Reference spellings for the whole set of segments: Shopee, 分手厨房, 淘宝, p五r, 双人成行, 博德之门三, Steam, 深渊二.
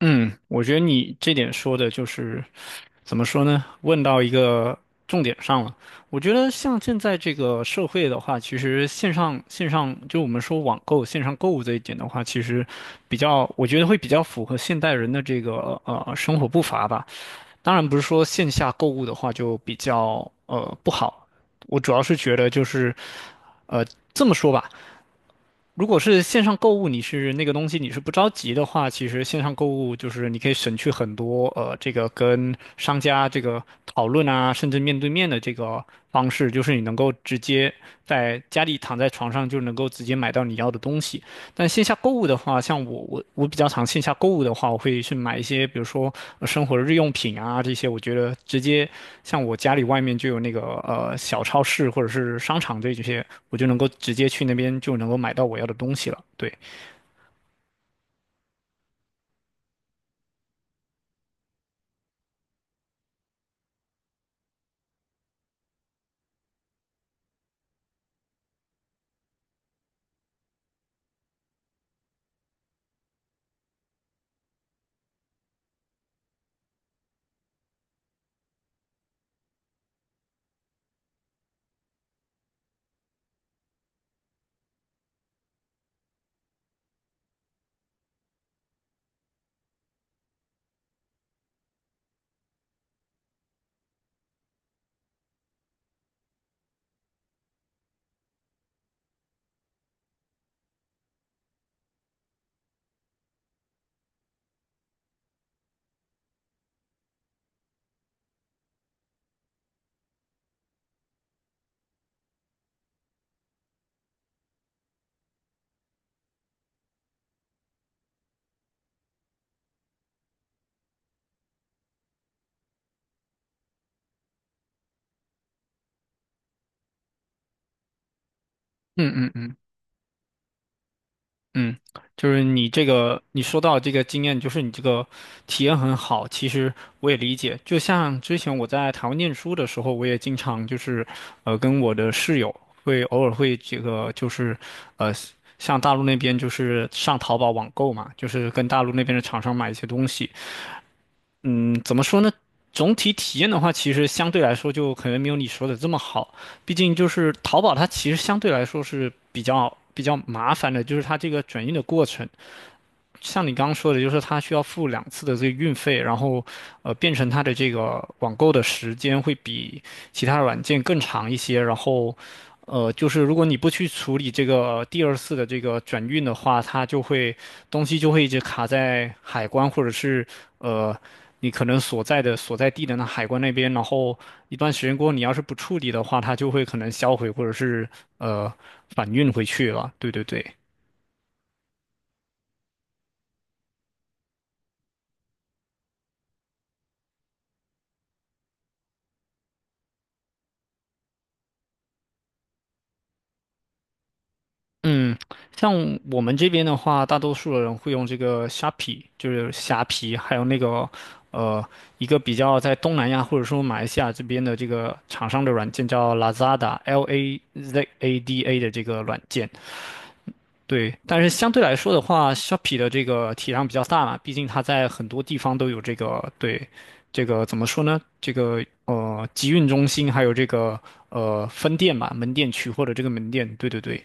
嗯，我觉得你这点说的就是怎么说呢？问到一个重点上了。我觉得像现在这个社会的话，其实线上就我们说网购、线上购物这一点的话，其实比较，我觉得会比较符合现代人的这个生活步伐吧。当然不是说线下购物的话就比较不好，我主要是觉得就是呃这么说吧。如果是线上购物，你是那个东西你是不着急的话，其实线上购物就是你可以省去很多这个跟商家这个讨论啊，甚至面对面的这个方式，就是你能够直接在家里躺在床上就能够直接买到你要的东西。但线下购物的话，像我比较常线下购物的话，我会去买一些，比如说生活日用品啊这些。我觉得直接像我家里外面就有那个小超市或者是商场这些，我就能够直接去那边就能够买到我要的东西了。对，嗯嗯嗯。嗯，就是你这个，你说到这个经验，就是你这个体验很好。其实我也理解，就像之前我在台湾念书的时候，我也经常就是，跟我的室友会偶尔会这个就是，呃，像大陆那边就是上淘宝网购嘛，就是跟大陆那边的厂商买一些东西。嗯，怎么说呢？总体体验的话，其实相对来说就可能没有你说的这么好。毕竟就是淘宝，它其实相对来说是比较麻烦的，就是它这个转运的过程。像你刚刚说的，就是它需要付两次的这个运费，然后，变成它的这个网购的时间会比其他软件更长一些。然后，就是如果你不去处理这个第二次的这个转运的话，它就会东西就会一直卡在海关或者是呃你可能所在的所在地的那海关那边。然后一段时间过后，你要是不处理的话，它就会可能销毁或者是呃返运回去了。对对对。嗯，像我们这边的话，大多数的人会用这个 SHP 虾皮，就是虾皮，还有那个呃，一个比较在东南亚或者说马来西亚这边的这个厂商的软件叫 Lazada，L A Z A D A 的这个软件。对，但是相对来说的话，Shopee 的这个体量比较大嘛，毕竟它在很多地方都有这个对，这个怎么说呢？这个集运中心，还有这个分店吧，门店取货的这个门店，对对对。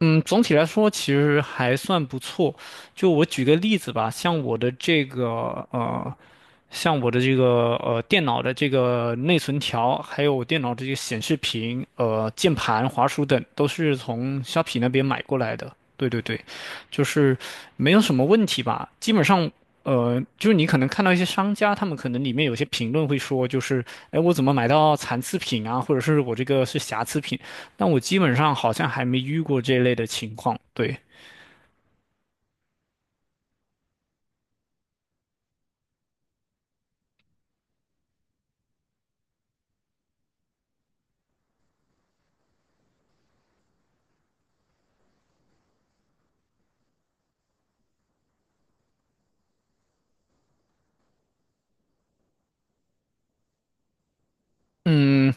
嗯，总体来说其实还算不错。就我举个例子吧，像我的这个电脑的这个内存条，还有电脑的这个显示屏、键盘、滑鼠等，都是从虾皮那边买过来的。对对对，就是没有什么问题吧。基本上，就是你可能看到一些商家，他们可能里面有些评论会说，就是哎，我怎么买到残次品啊，或者是我这个是瑕疵品。但我基本上好像还没遇过这类的情况。对，嗯，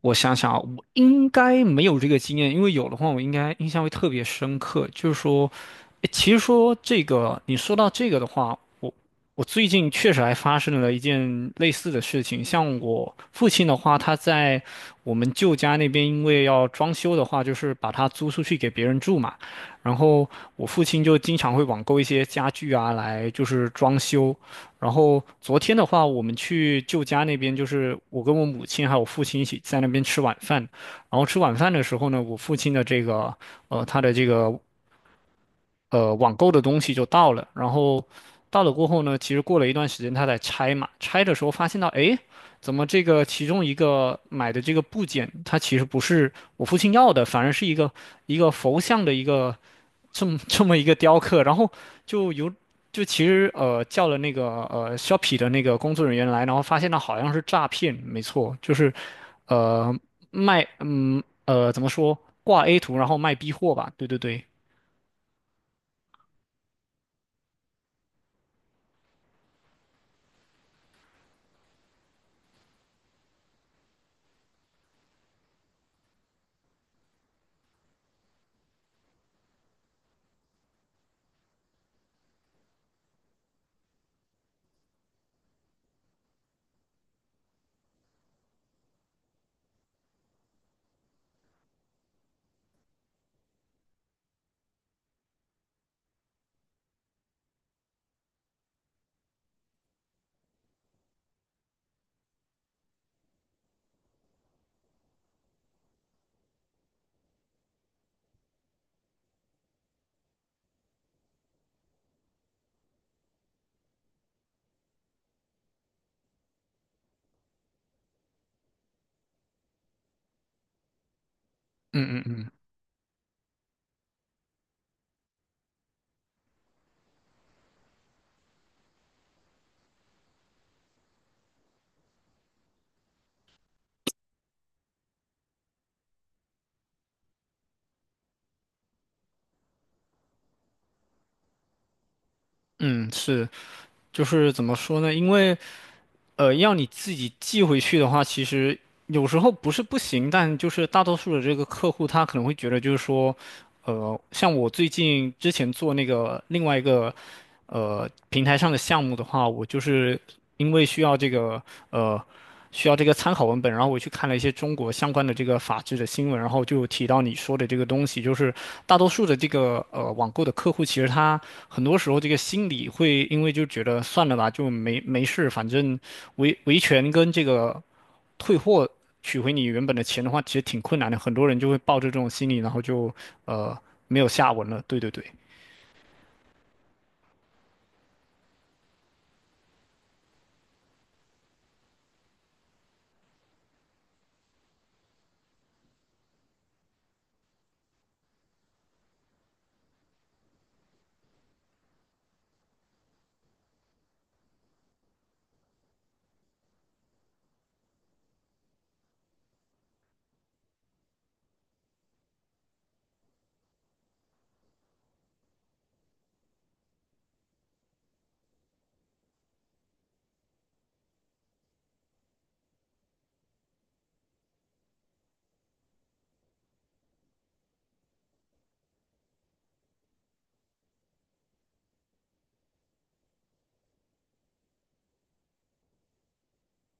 我想想啊，我应该没有这个经验，因为有的话我应该印象会特别深刻。就是说，诶其实说这个，你说到这个的话，我最近确实还发生了一件类似的事情。像我父亲的话，他在我们舅家那边，因为要装修的话，就是把它租出去给别人住嘛。然后我父亲就经常会网购一些家具啊，来就是装修。然后昨天的话，我们去舅家那边，就是我跟我母亲还有我父亲一起在那边吃晚饭。然后吃晚饭的时候呢，我父亲的这个他的这个网购的东西就到了，然后到了过后呢，其实过了一段时间，他在拆嘛，拆的时候发现到，诶，怎么这个其中一个买的这个部件，它其实不是我父亲要的，反而是一个佛像的一个这么 这么一个雕刻，然后就有。就其实叫了那个Shopee 的那个工作人员来，然后发现到好像是诈骗，没错，就是呃卖怎么说挂 A 图然后卖 B 货吧，对对对，嗯嗯嗯。嗯，是，就是怎么说呢？因为要你自己寄回去的话，其实有时候不是不行，但就是大多数的这个客户他可能会觉得就是说，像我最近之前做那个另外一个平台上的项目的话，我就是因为呃。需要这个参考文本，然后我去看了一些中国相关的这个法制的新闻，然后就提到你说的这个东西，就是大多数的这个网购的客户，其实他很多时候这个心理会因为就觉得算了吧，就没事，反正维权跟这个退货取回你原本的钱的话，其实挺困难的，很多人就会抱着这种心理，然后就呃没有下文了。对对对，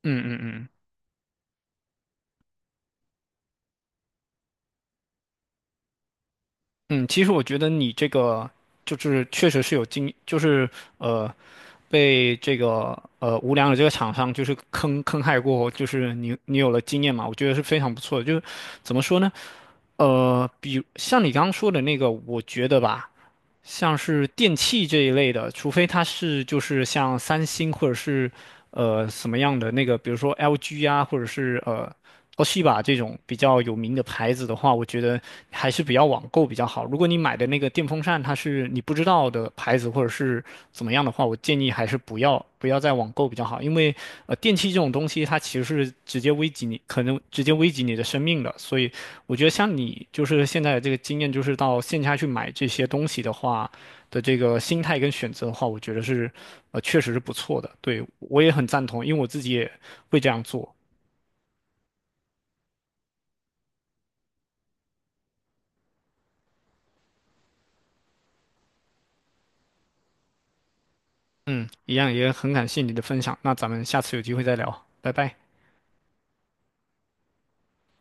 嗯嗯嗯。嗯，其实我觉得你这个就是确实是就是呃，被这个无良的这个厂商就是坑害过就是你有了经验嘛，我觉得是非常不错的。就是怎么说呢？比像你刚刚说的那个，我觉得吧，像是电器这一类的，除非它是就是像三星或者是什么样的那个，比如说 LG 啊，或者是Toshiba 这种比较有名的牌子的话，我觉得还是比较网购比较好。如果你买的那个电风扇它是你不知道的牌子或者是怎么样的话，我建议还是不要再网购比较好，因为电器这种东西它其实是直接危及你，可能直接危及你的生命的，所以我觉得像你就是现在的这个经验，就是到线下去买这些东西的话的这个心态跟选择的话，我觉得是确实是不错的，对我也很赞同，因为我自己也会这样做，嗯，一样也很感谢你的分享，那咱们下次有机会再聊，拜拜。